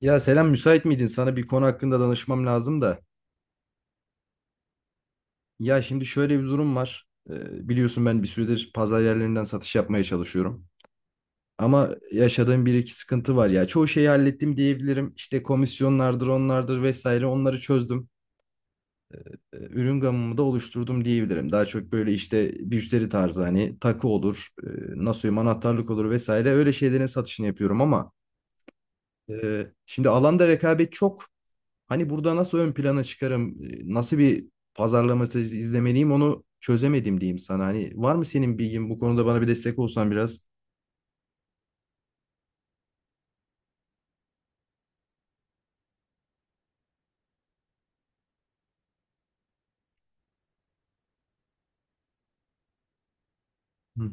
Ya selam, müsait miydin? Sana bir konu hakkında danışmam lazım da. Ya şimdi şöyle bir durum var. Biliyorsun ben bir süredir pazar yerlerinden satış yapmaya çalışıyorum. Ama yaşadığım bir iki sıkıntı var ya. Çoğu şeyi hallettim diyebilirim. İşte komisyonlardır, onlardır vesaire, onları çözdüm. Ürün gamımı da oluşturdum diyebilirim. Daha çok böyle işte müşteri tarzı, hani takı olur, nasıl diyeyim, anahtarlık olur vesaire, öyle şeylerin satışını yapıyorum ama şimdi alanda rekabet çok. Hani burada nasıl ön plana çıkarım, nasıl bir pazarlaması izlemeliyim, onu çözemedim diyeyim sana. Hani var mı senin bilgin bu konuda, bana bir destek olsan biraz? Hı.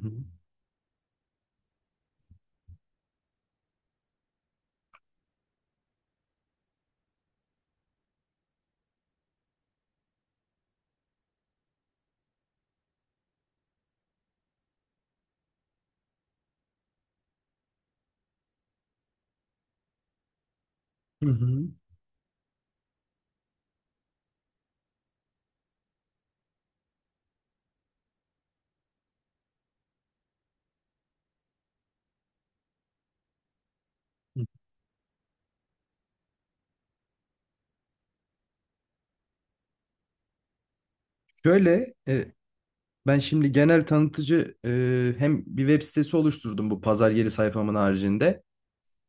Hı hı. Hı. Şöyle, ben şimdi genel tanıtıcı hem bir web sitesi oluşturdum bu pazar yeri sayfamın haricinde.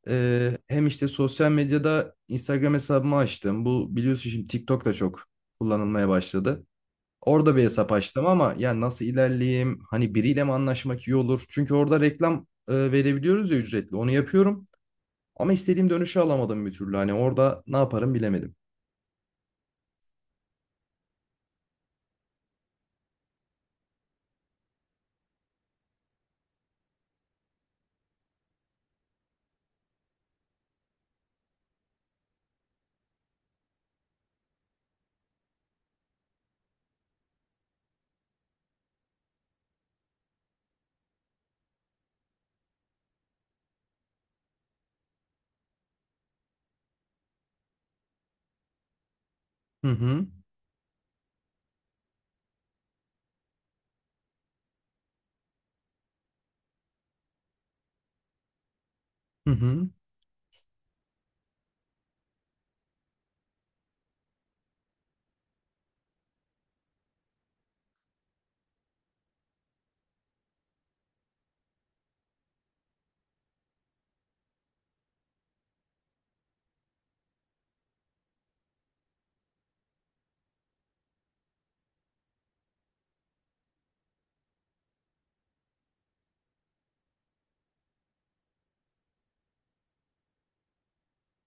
E, hem işte sosyal medyada Instagram hesabımı açtım. Bu biliyorsun, şimdi TikTok da çok kullanılmaya başladı. Orada bir hesap açtım ama ya nasıl ilerleyeyim? Hani biriyle mi anlaşmak iyi olur? Çünkü orada reklam verebiliyoruz ya, ücretli. Onu yapıyorum. Ama istediğim dönüşü alamadım bir türlü. Hani orada ne yaparım bilemedim. Hı hı. Hı hı.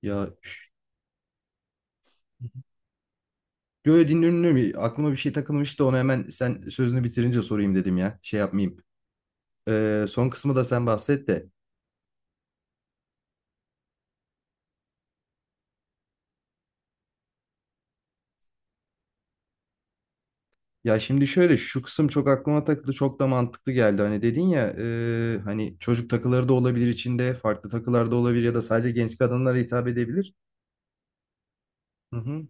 Ya şş, Yo, dinliyorum. Aklıma bir şey takılmıştı. Onu hemen sen sözünü bitirince sorayım dedim ya. Şey yapmayayım. E, son kısmı da sen bahset de. Ya şimdi şöyle, şu kısım çok aklıma takıldı, çok da mantıklı geldi. Hani dedin ya, hani çocuk takıları da olabilir içinde, farklı takılar da olabilir ya da sadece genç kadınlara hitap edebilir. Hı hı.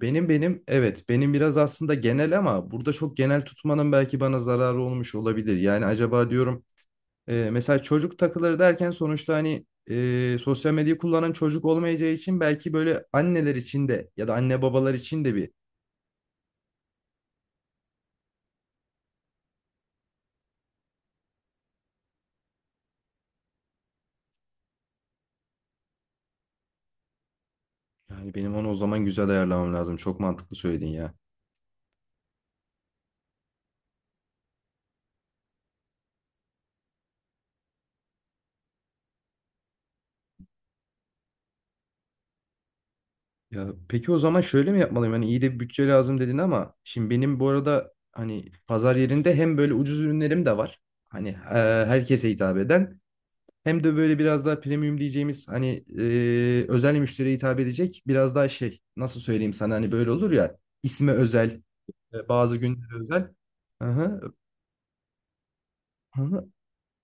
Benim evet, benim biraz aslında genel, ama burada çok genel tutmanın belki bana zararı olmuş olabilir. Yani acaba diyorum, mesela çocuk takıları derken sonuçta, hani sosyal medyayı kullanan çocuk olmayacağı için belki böyle anneler için de ya da anne babalar için de bir. Yani benim onu o zaman güzel ayarlamam lazım. Çok mantıklı söyledin ya. Ya peki, o zaman şöyle mi yapmalıyım? Hani iyi de bir bütçe lazım dedin, ama şimdi benim bu arada hani pazar yerinde hem böyle ucuz ürünlerim de var. Hani herkese hitap eden, hem de böyle biraz daha premium diyeceğimiz, hani özel müşteriye hitap edecek biraz daha şey, nasıl söyleyeyim sana, hani böyle olur ya, isme özel, bazı günlere özel. Hı hı, hı hı.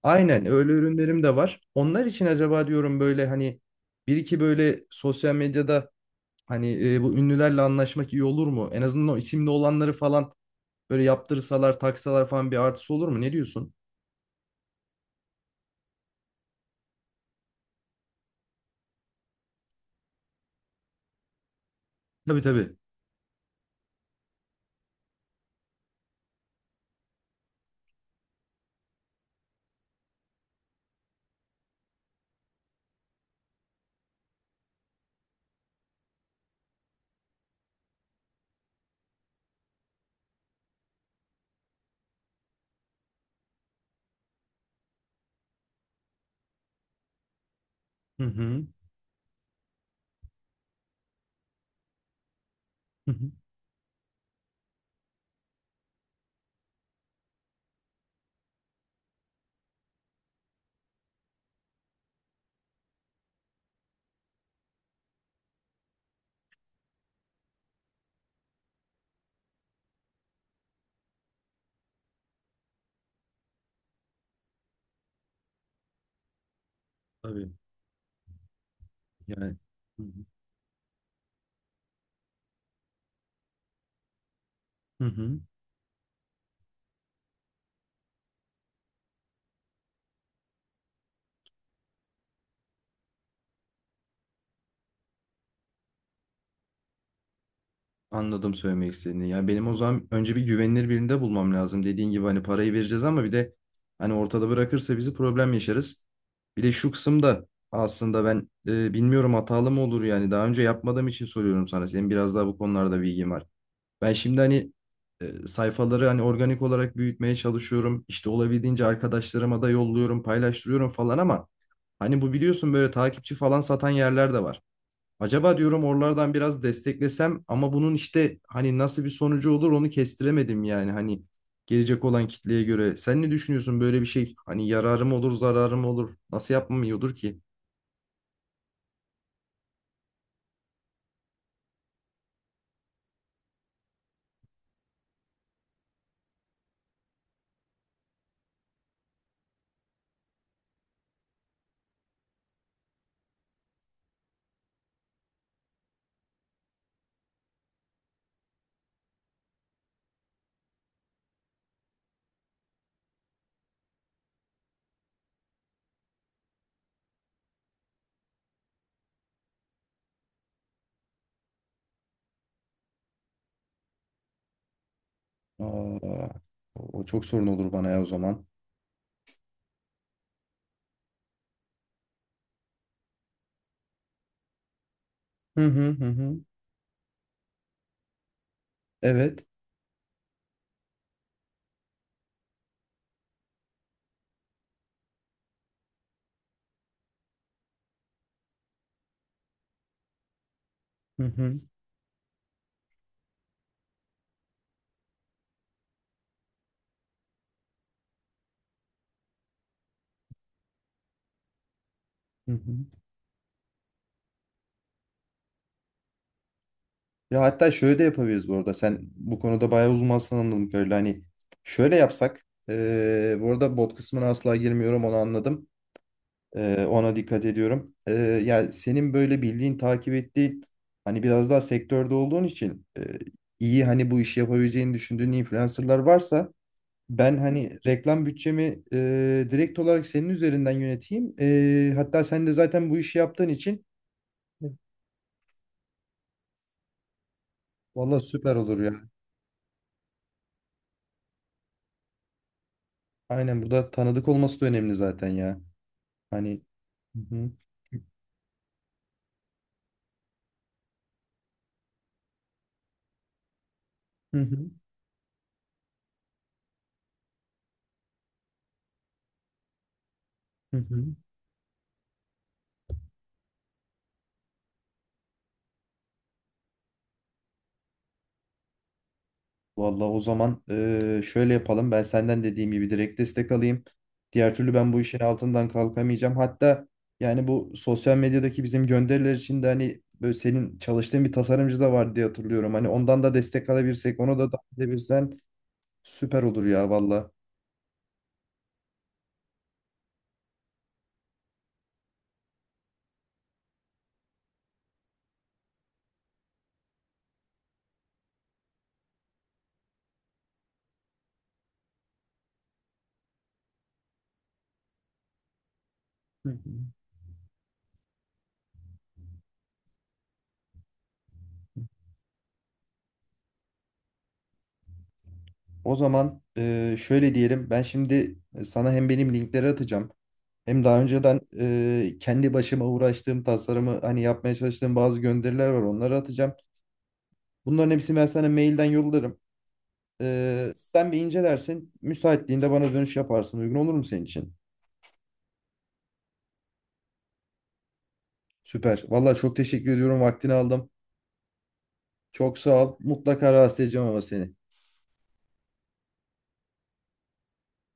Aynen, öyle ürünlerim de var. Onlar için acaba diyorum böyle hani bir iki böyle sosyal medyada. Hani bu ünlülerle anlaşmak iyi olur mu? En azından o isimli olanları falan böyle yaptırsalar, taksalar falan, bir artısı olur mu? Ne diyorsun? Tabii tabii. Hı hı. Hı hı. Tabii. Yani. Hı hı. Hı hı. Anladım söylemek istediğini. Yani benim o zaman önce bir güvenilir birinde bulmam lazım. Dediğin gibi, hani parayı vereceğiz ama bir de hani ortada bırakırsa bizi, problem yaşarız. Bir de şu kısımda aslında ben bilmiyorum hatalı mı olur, yani daha önce yapmadığım için soruyorum sana. Senin biraz daha bu konularda bilgin var. Ben şimdi hani sayfaları hani organik olarak büyütmeye çalışıyorum. İşte olabildiğince arkadaşlarıma da yolluyorum, paylaştırıyorum falan, ama hani bu biliyorsun, böyle takipçi falan satan yerler de var. Acaba diyorum oralardan biraz desteklesem, ama bunun işte hani nasıl bir sonucu olur onu kestiremedim, yani hani gelecek olan kitleye göre. Sen ne düşünüyorsun böyle bir şey? Hani yararım olur, zararım olur. Nasıl yapmam iyi olur ki? Aa, o çok sorun olur bana ya o zaman. Hı hı, hı hı. Evet. Hı hı, hı hı. Ya hatta şöyle de yapabiliriz bu arada. Sen bu konuda bayağı uzmansın, anladım kadarıyla. Hani şöyle yapsak. Bu arada bot kısmına asla girmiyorum, onu anladım. Ona dikkat ediyorum. Yani senin böyle bildiğin, takip ettiğin, hani biraz daha sektörde olduğun için iyi hani bu işi yapabileceğini düşündüğün influencerlar varsa, ben hani reklam bütçemi direkt olarak senin üzerinden yöneteyim. Hatta sen de zaten bu işi yaptığın için valla süper olur ya. Aynen, burada tanıdık olması da önemli zaten ya. Hani hı hı. Hı hı, hı hı. Vallahi o zaman şöyle yapalım. Ben senden dediğim gibi direkt destek alayım. Diğer türlü ben bu işin altından kalkamayacağım. Hatta yani bu sosyal medyadaki bizim gönderiler için de hani böyle senin çalıştığın bir tasarımcı da var diye hatırlıyorum. Hani ondan da destek alabilirsek, onu da dahil edebilirsen süper olur ya valla. Hı hı. O zaman şöyle diyelim. Ben şimdi sana hem benim linkleri atacağım. Hem daha önceden kendi başıma uğraştığım, tasarımı hani yapmaya çalıştığım bazı gönderiler var. Onları atacağım. Bunların hepsini ben sana mailden yollarım. E, sen bir incelersin. Müsaitliğinde bana dönüş yaparsın. Uygun olur mu senin için? Süper. Vallahi çok teşekkür ediyorum. Vaktini aldım. Çok sağ ol. Mutlaka rahatsız edeceğim ama seni.